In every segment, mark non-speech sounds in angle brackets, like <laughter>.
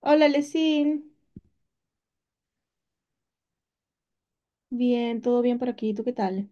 Hola, Lesin. Bien, todo bien por aquí. ¿Tú qué tal?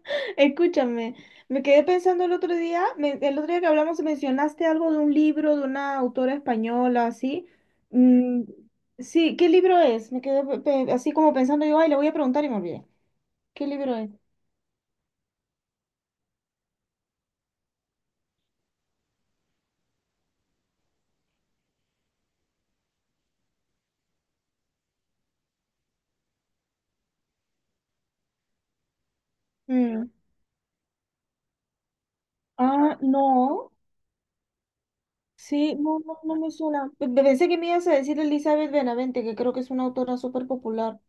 <laughs> Escúchame, me quedé pensando el otro día, el otro día que hablamos mencionaste algo de un libro de una autora española, así. Mm, sí, ¿qué libro es? Me quedé así como pensando, yo, ay, le voy a preguntar y me olvidé. ¿Qué libro es? Mm. Ah, no. Sí, no me suena. Pensé que me ibas a decir Elizabeth Benavente, que creo que es una autora súper popular.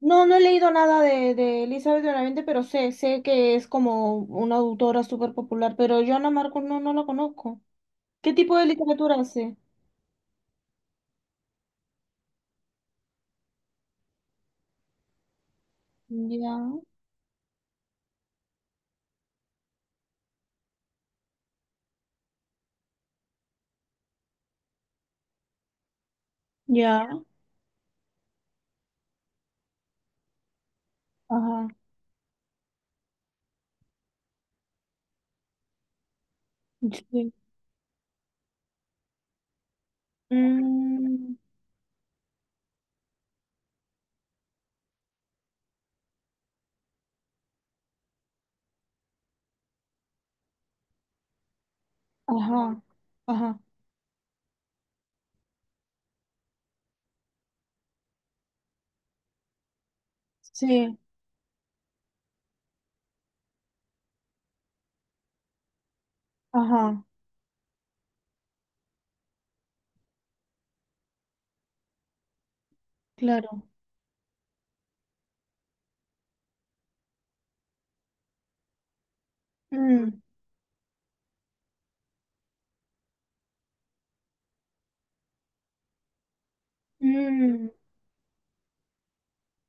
No, no he leído nada de Elizabeth de Benavente, pero sé que es como una autora súper popular, pero yo Ana Marcos no la conozco. ¿Qué tipo de literatura hace? Ya, ya, ajá, sí. Mm, ajá, ajá, sí, ajá, claro. Mm, mm,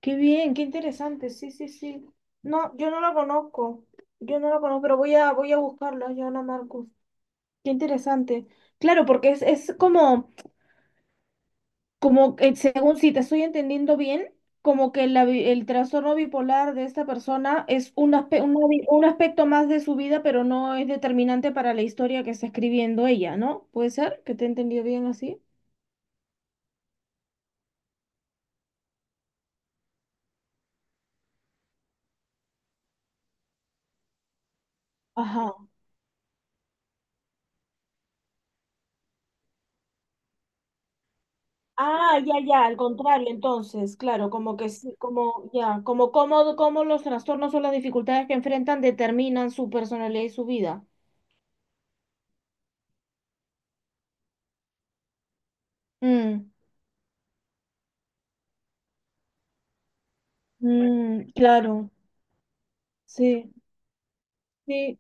qué bien, qué interesante, sí, sí, sí. No, yo no la conozco, yo no la conozco, pero voy a buscarla, yo Marcos. Qué interesante. Claro, porque es como... Como que, según si te estoy entendiendo bien, como que la el trastorno bipolar de esta persona es un, una un aspecto más de su vida, pero no es determinante para la historia que está escribiendo ella, ¿no? ¿Puede ser que te he entendido bien así? Ajá. Ah, ya, ya, al contrario, entonces, claro, como que sí, como, ya, como cómo, cómo los trastornos o las dificultades que enfrentan determinan su personalidad y su vida. Mm, mm, claro, sí, sí,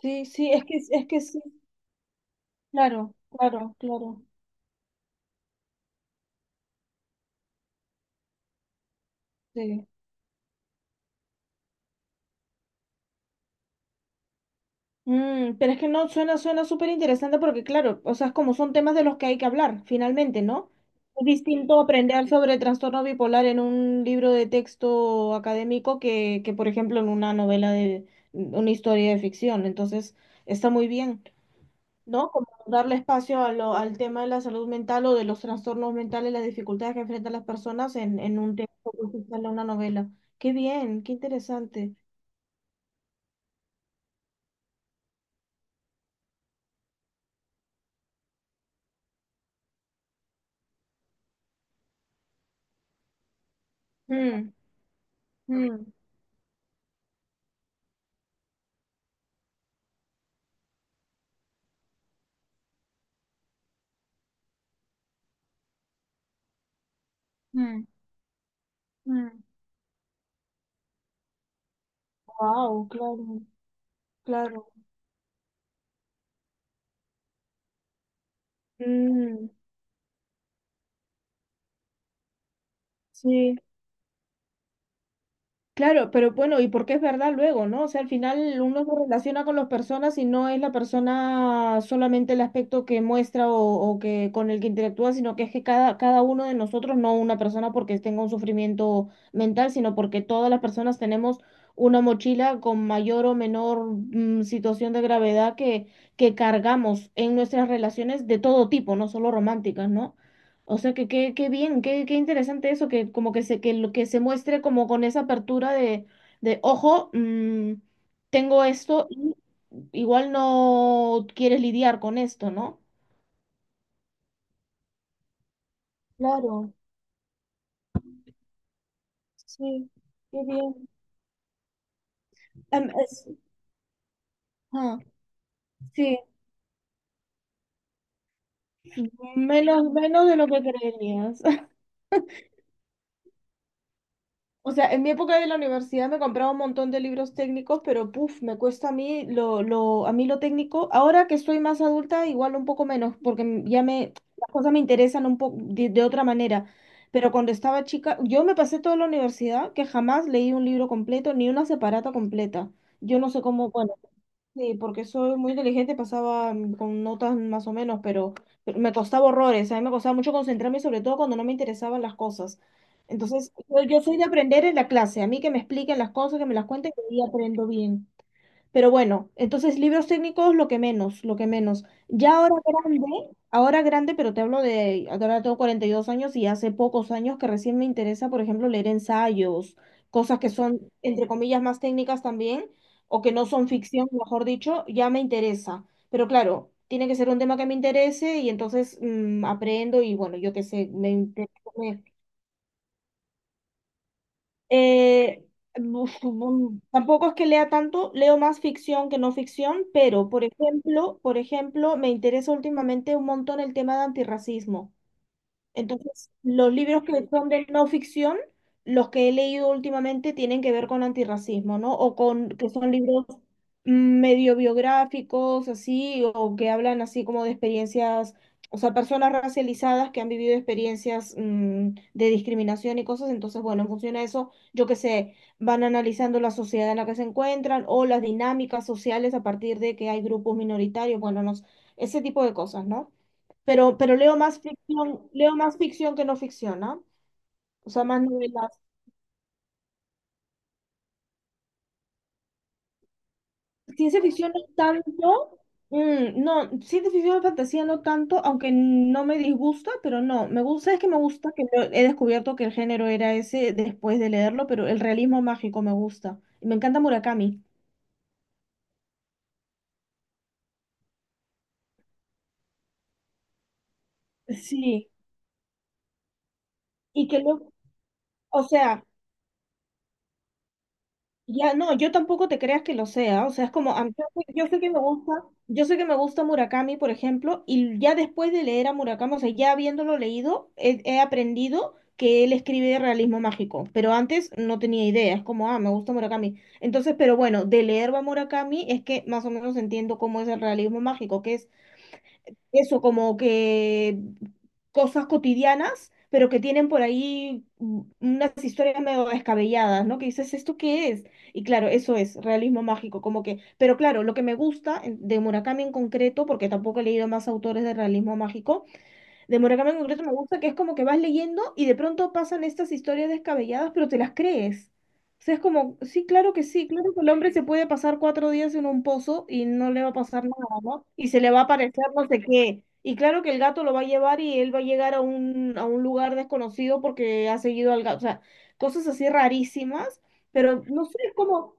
sí, sí, es que sí. Claro, claro, claro, sí. Mm, pero es que no suena, suena súper interesante porque, claro, o sea, es como son temas de los que hay que hablar, finalmente, ¿no? Es distinto aprender sobre trastorno bipolar en un libro de texto académico que, por ejemplo, en una novela de una historia de ficción. Entonces, está muy bien, ¿no? Como darle espacio a al tema de la salud mental o de los trastornos mentales, las dificultades que enfrentan las personas en un texto, pues, en una novela. Qué bien, qué interesante. Mm. Mm, mm. Mm. Wow, claro, claro. Mm, sí. Claro, pero bueno, y porque es verdad luego, ¿no? O sea, al final uno se relaciona con las personas y no es la persona solamente el aspecto que muestra o que con el que interactúa, sino que es que cada uno de nosotros, no una persona porque tenga un sufrimiento mental, sino porque todas las personas tenemos una mochila con mayor o menor situación de gravedad que cargamos en nuestras relaciones de todo tipo, no solo románticas, ¿no? O sea, que qué bien, qué interesante eso, que como que se, que lo que se muestre como con esa apertura de ojo, tengo esto y igual no quieres lidiar con esto, ¿no? Claro, sí, qué bien. Em, es- ah, Sí, menos, menos de lo que creerías. O sea, en mi época de la universidad me compraba un montón de libros técnicos, pero puf, me cuesta a mí a mí lo técnico. Ahora que soy más adulta, igual un poco menos, porque ya me, las cosas me interesan un poco de otra manera. Pero cuando estaba chica, yo me pasé toda la universidad que jamás leí un libro completo ni una separata completa. Yo no sé cómo, bueno, sí, porque soy muy inteligente, pasaba con notas más o menos, pero me costaba horrores, a mí me costaba mucho concentrarme, sobre todo cuando no me interesaban las cosas. Entonces, yo soy de aprender en la clase, a mí que me expliquen las cosas, que me las cuenten, que ahí aprendo bien. Pero bueno, entonces libros técnicos lo que menos, lo que menos. Ya ahora grande, pero te hablo de, ahora tengo 42 años y hace pocos años que recién me interesa, por ejemplo, leer ensayos, cosas que son, entre comillas, más técnicas también, o que no son ficción, mejor dicho, ya me interesa. Pero claro, tiene que ser un tema que me interese y entonces aprendo y bueno, yo qué sé, me, inter- me eh, buf, bum, tampoco es que lea tanto, leo más ficción que no ficción, pero por ejemplo, me interesa últimamente un montón el tema de antirracismo. Entonces, los libros que son de no ficción, los que he leído últimamente tienen que ver con antirracismo, ¿no? O con que son libros medio biográficos, así, o que hablan así como de experiencias, o sea, personas racializadas que han vivido experiencias de discriminación y cosas. Entonces, bueno, en función a eso, yo qué sé, van analizando la sociedad en la que se encuentran o las dinámicas sociales a partir de que hay grupos minoritarios, bueno, no, sé, ese tipo de cosas, ¿no? Pero leo más ficción que no ficción, ¿no? O sea, más novelas. Ciencia ficción no tanto. Mm, no, ciencia ficción y fantasía no tanto, aunque no me disgusta, pero no. Me gusta, es que me gusta que he descubierto que el género era ese después de leerlo, pero el realismo mágico me gusta. Y me encanta Murakami. Sí. Y que lo, o sea, Ya, no, yo tampoco te creas que lo sea, o sea, es como, yo sé que me gusta, yo sé que me gusta Murakami, por ejemplo, y ya después de leer a Murakami, o sea, ya habiéndolo leído, he aprendido que él escribe de realismo mágico, pero antes no tenía idea, es como, ah, me gusta Murakami. Entonces, pero bueno, de leer a Murakami es que más o menos entiendo cómo es el realismo mágico, que es eso, como que cosas cotidianas, pero que tienen por ahí unas historias medio descabelladas, ¿no? Que dices, ¿esto qué es? Y claro, eso es realismo mágico, como que, pero claro, lo que me gusta de Murakami en concreto, porque tampoco he leído más autores de realismo mágico, de Murakami en concreto me gusta que es como que vas leyendo y de pronto pasan estas historias descabelladas, pero te las crees. O sea, es como, sí, claro que el hombre se puede pasar cuatro días en un pozo y no le va a pasar nada, ¿no? Y se le va a aparecer no sé qué. Y claro que el gato lo va a llevar y él va a llegar a a un lugar desconocido porque ha seguido al gato. O sea, cosas así rarísimas, pero no sé, es como,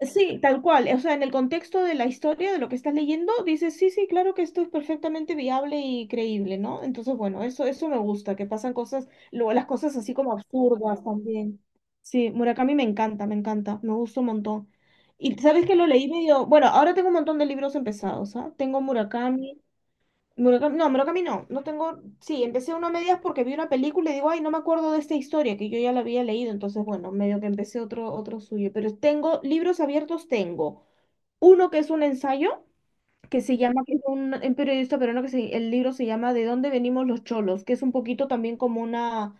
sí, tal cual. O sea, en el contexto de la historia, de lo que estás leyendo, dices, sí, sí, claro que esto es perfectamente viable y creíble, ¿no? Entonces, bueno, eso me gusta, que pasan cosas, luego las cosas así como absurdas también. Sí, Murakami me encanta, me encanta, me gusta un montón. Y sabes que lo leí medio, bueno, ahora tengo un montón de libros empezados, ¿ah? Tengo Murakami, Murakami no, no tengo, sí, empecé uno a medias porque vi una película y digo, ay, no me acuerdo de esta historia que yo ya la había leído, entonces bueno, medio que empecé otro, otro suyo, pero tengo libros abiertos, tengo uno que es un ensayo que es un periodista peruano el libro se llama ¿De dónde venimos los cholos?, que es un poquito también como una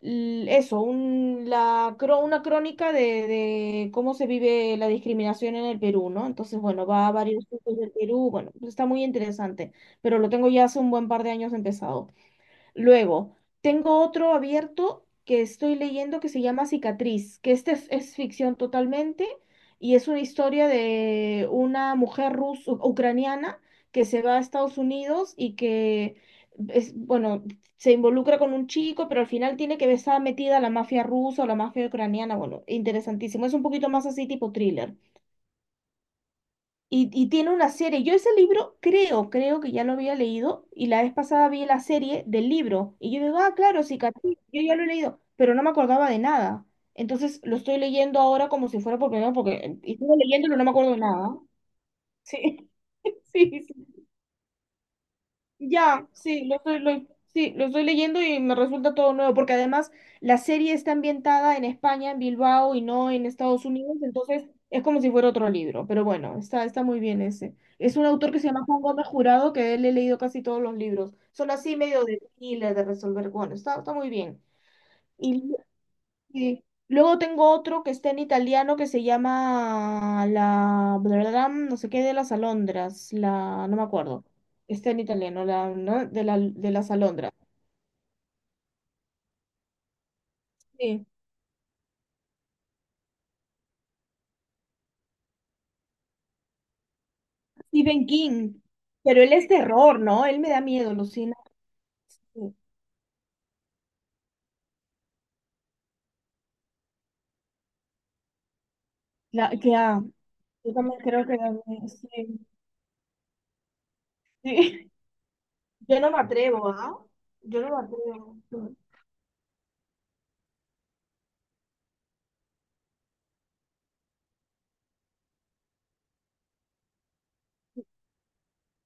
l- eso, un- la, cro- una crónica de cómo se vive la discriminación en el Perú, ¿no? Entonces, bueno, va a varios puntos del Perú, bueno, pues está muy interesante, pero lo tengo ya hace un buen par de años empezado. Luego, tengo otro abierto que estoy leyendo que se llama Cicatriz, que este es ficción totalmente y es una historia de una mujer rusa, ucraniana que se va a Estados Unidos y que es, bueno, se involucra con un chico, pero al final tiene que estar metida la mafia rusa o la mafia ucraniana. Bueno, interesantísimo. Es un poquito más así tipo thriller. Y tiene una serie. Yo ese libro creo, creo que ya lo había leído y la vez pasada vi la serie del libro y yo digo, ah, claro, cicatriz, yo ya lo he leído, pero no me acordaba de nada. Entonces lo estoy leyendo ahora como si fuera por primera vez porque estuve leyéndolo y no me acuerdo de nada. Sí, <laughs> sí, sí. Ya, sí, lo sí, lo estoy leyendo y me resulta todo nuevo, porque además la serie está ambientada en España, en Bilbao y no en Estados Unidos, entonces es como si fuera otro libro, pero bueno, está muy bien ese. Es un autor que se llama Juan Gómez Jurado, que de él he leído casi todos los libros. Son así medio de thriller, de resolver, bueno, está muy bien. Y sí. Luego tengo otro que está en italiano que se llama la bla, bla, bla, no sé qué de las alondras, la no me acuerdo. Está en italiano, la ¿no? de la de las alondras. Sí. Stephen King. Pero él es terror, ¿no? Él me da miedo, Lucina. Sí. La, que ah, yo también creo que sí. Sí. <laughs> Yo no me atrevo, ¿ah? Yo no me atrevo.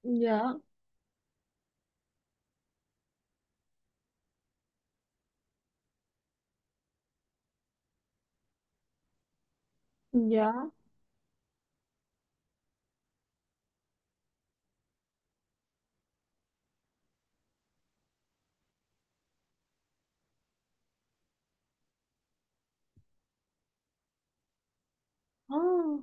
Ya, ya. Ah.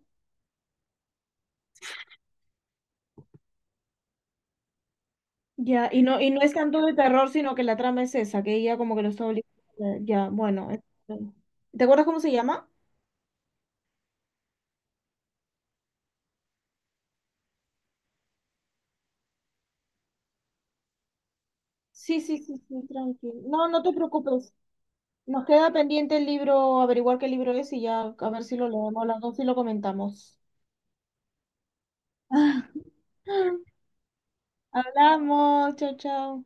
Ya, y no es tanto de terror, sino que la trama es esa, que ella como que lo está obligando. Ya, bueno. Bueno. ¿Te acuerdas cómo se llama? Sí, sí, sí, sí, tranqui. No, no te preocupes. Nos queda pendiente el libro, averiguar qué libro es y ya a ver si lo leemos las dos y lo comentamos. <laughs> Hablamos, chao, chao.